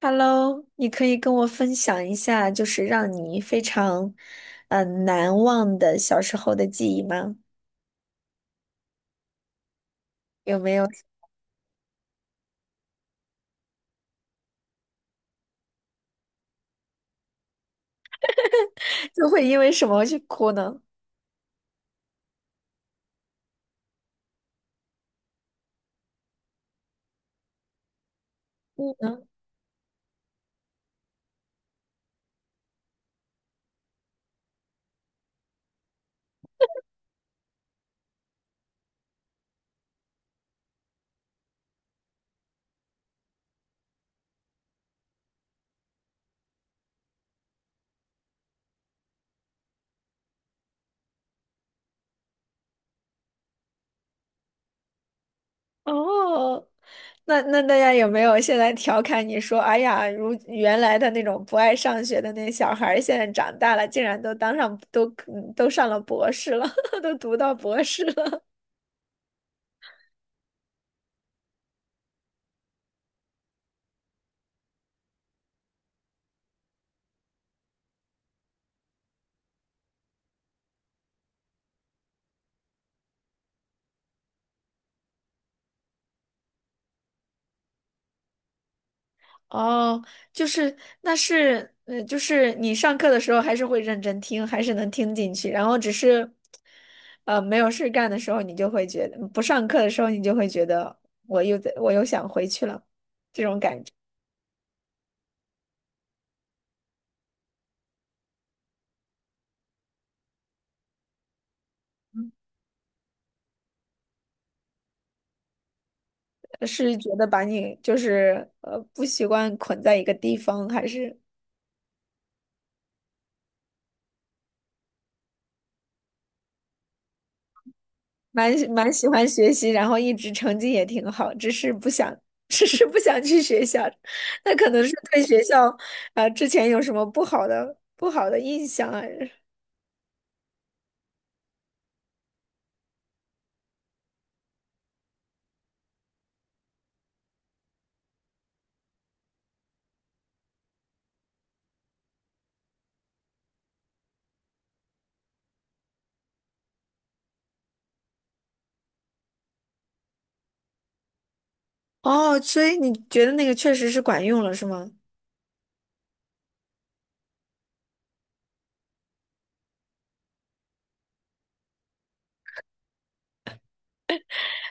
Hello，你可以跟我分享一下，就是让你非常，难忘的小时候的记忆吗？有没有 就会因为什么去哭呢？嗯。哦，那大家有没有现在调侃你说，哎呀，如原来的那种不爱上学的那小孩儿，现在长大了，竟然都当上都上了博士了，都读到博士了。哦，就是那是，就是你上课的时候还是会认真听，还是能听进去，然后只是，没有事干的时候，你就会觉得不上课的时候，你就会觉得我又在，我又想回去了。呃是觉得把你就是呃不习惯捆在一个地方，还是蛮喜欢学习，然后一直成绩也挺好，只是不想，只是不想去学校，那可能是对学校，之前有什么不好的印象啊？哦，所以你觉得那个确实是管用了，是吗？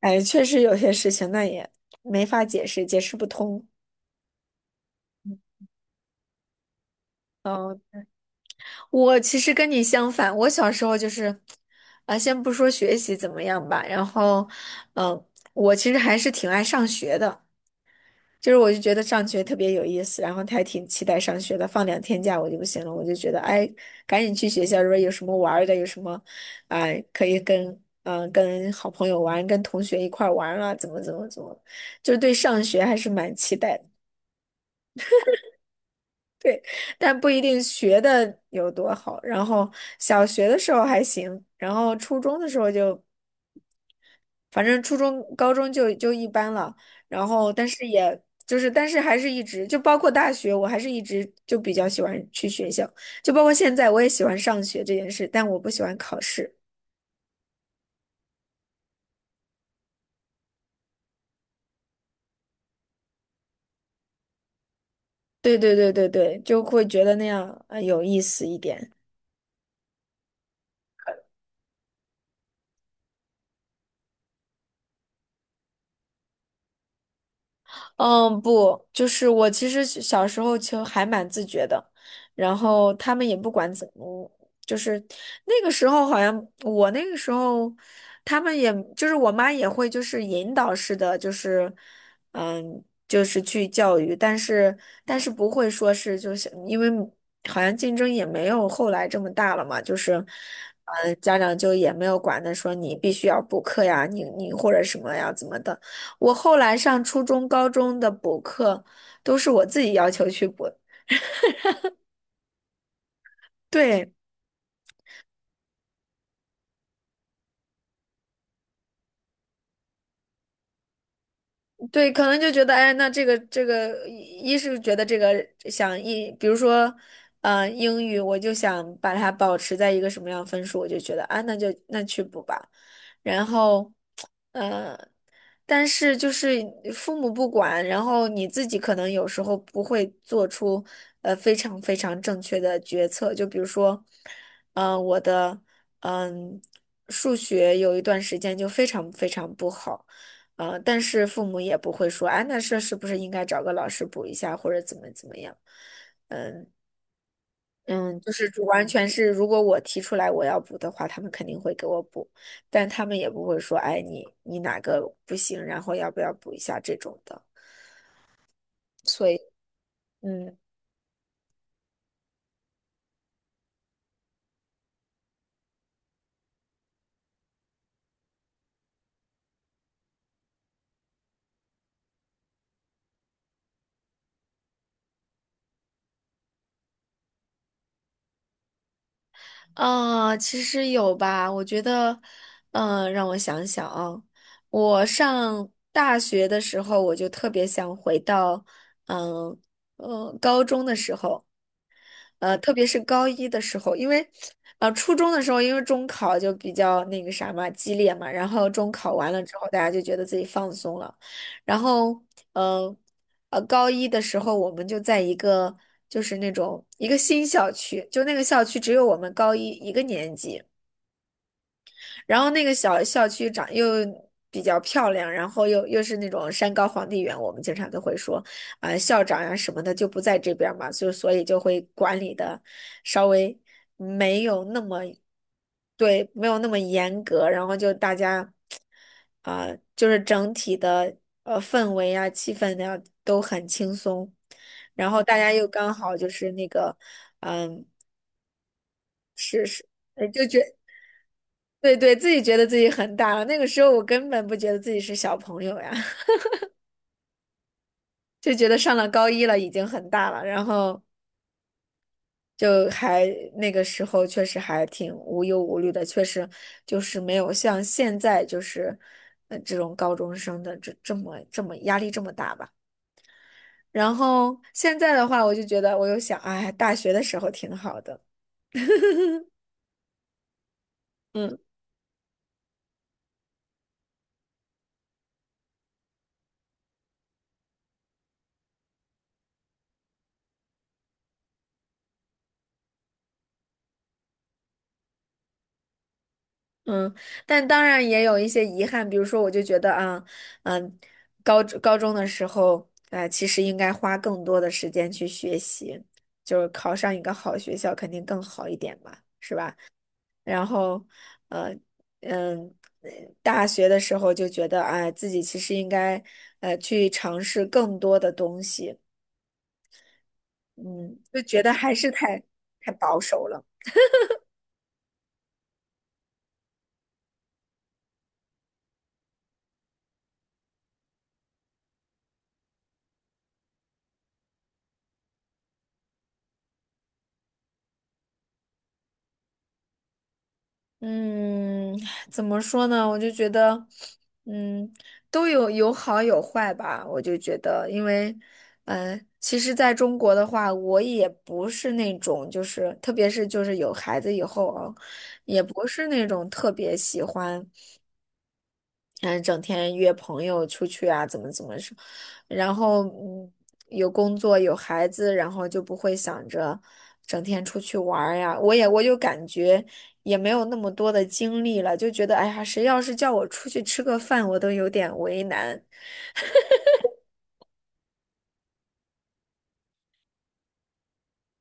哎，确实有些事情那也没法解释，解释不通。我其实跟你相反，我小时候就是，啊、先不说学习怎么样吧，然后，嗯、我其实还是挺爱上学的。就是我就觉得上学特别有意思，然后他还挺期待上学的。放两天假我就不行了，我就觉得哎，赶紧去学校，如果有什么玩儿的，有什么，哎，可以跟嗯、呃跟好朋友玩，跟同学一块儿玩儿啊，怎么，就是对上学还是蛮期待的。对，但不一定学的有多好。然后小学的时候还行，然后初中的时候就。反正初中、高中就一般了，然后但是也就是，但是还是一直就包括大学，我还是一直就比较喜欢去学校，就包括现在我也喜欢上学这件事，但我不喜欢考试。对对对对对，就会觉得那样呃有意思一点。嗯，不，就是我其实小时候就还蛮自觉的，然后他们也不管怎么，就是那个时候好像我那个时候，他们也就是我妈也会就是引导式的，就是嗯，就是去教育，但是不会说是就是因为好像竞争也没有后来这么大了嘛，就是嗯，家长就也没有管的说你必须要补课呀，你或者什么呀怎么的。我后来上初中、高中的补课都是我自己要求去补，对。对，可能就觉得，哎，那这个，一是觉得这个想一，比如说，英语，我就想把它保持在一个什么样分数，我就觉得啊，那就那去补吧。然后，呃，但是就是父母不管，然后你自己可能有时候不会做出呃非常正确的决策，就比如说，我的嗯、数学有一段时间就非常不好。但是父母也不会说，啊，那这是不是应该找个老师补一下，或者怎么怎么样？嗯，就是主完全是，如果我提出来我要补的话，他们肯定会给我补，但他们也不会说，哎，你哪个不行，然后要不要补一下这种的。所以，嗯，啊，其实有吧，我觉得，嗯，让我想想啊，我上大学的时候，我就特别想回到，嗯嗯，呃高中的时候。特别是高一的时候，因为呃初中的时候，因为中考就比较那个啥嘛，激烈嘛，然后中考完了之后，大家就觉得自己放松了，然后呃高一的时候，我们就在一个就是那种一个新校区，就那个校区只有我们高一一个年级。然后那个小校区长又比较漂亮，然后又是那种山高皇帝远，我们经常都会说，啊、校长呀、什么的就不在这边儿嘛，就所以就会管理的稍微没有那么，对，没有那么严格，然后就大家，啊、就是整体的呃氛围啊、气氛呀、都很轻松，然后大家又刚好就是那个，嗯，是是，呃就觉对对，自己觉得自己很大了。那个时候我根本不觉得自己是小朋友呀，就觉得上了高一了已经很大了。然后就还那个时候确实还挺无忧无虑的，确实就是没有像现在就是呃这种高中生的这么压力这么大吧。然后现在的话，我就觉得我又想，哎，大学的时候挺好的。嗯。嗯，但当然也有一些遗憾，比如说，我就觉得啊，嗯，高中的时候，其实应该花更多的时间去学习，就是考上一个好学校肯定更好一点嘛。然后，呃，嗯，呃大学的时候就觉得，哎，自己其实应该，去尝试更多的东西，嗯，就觉得还是太保守了。嗯，怎么说呢？我就觉得，嗯，都有好有坏吧。我就觉得，因为，嗯、其实在中国的话，我也不是那种，就是特别是就是有孩子以后啊，也不是那种特别喜欢。嗯，整天约朋友出去啊，怎么怎么说，然后嗯，有工作有孩子，然后就不会想着整天出去玩儿呀。我就感觉也没有那么多的精力了，就觉得哎呀，谁要是叫我出去吃个饭，我都有点为难，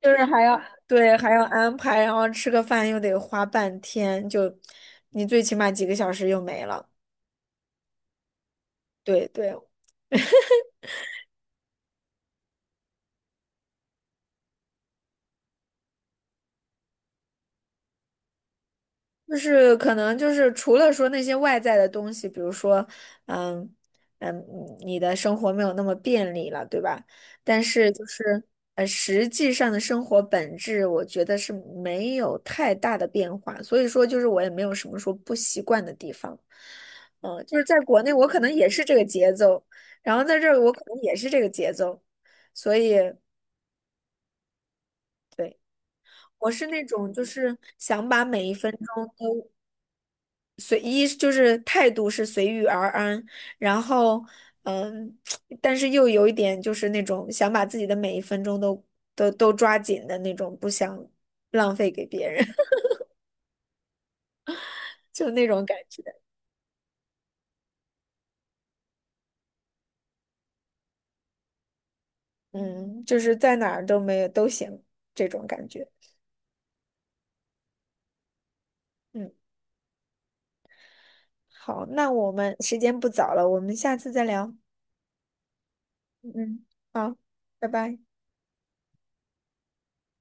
就是还要对还要安排，然后吃个饭又得花半天，就你最起码几个小时又没了。对对，就是可能就是除了说那些外在的东西，比如说，嗯嗯，你的生活没有那么便利了，对吧？但是就是实际上的生活本质，我觉得是没有太大的变化。所以说，就是我也没有什么说不习惯的地方。嗯，就是在国内，我可能也是这个节奏，然后在这儿我可能也是这个节奏，所以对，我是那种就是想把每一分。钟。就是态度是随遇而安，然后嗯，但是又有一点就是那种想把自己的每一分钟都都抓紧的那种，不想浪费给别人，就那种感觉。嗯，就是在哪儿都没有都行这种感觉。嗯，好，那我们时间不早了，我们下次再聊。嗯，好，拜拜。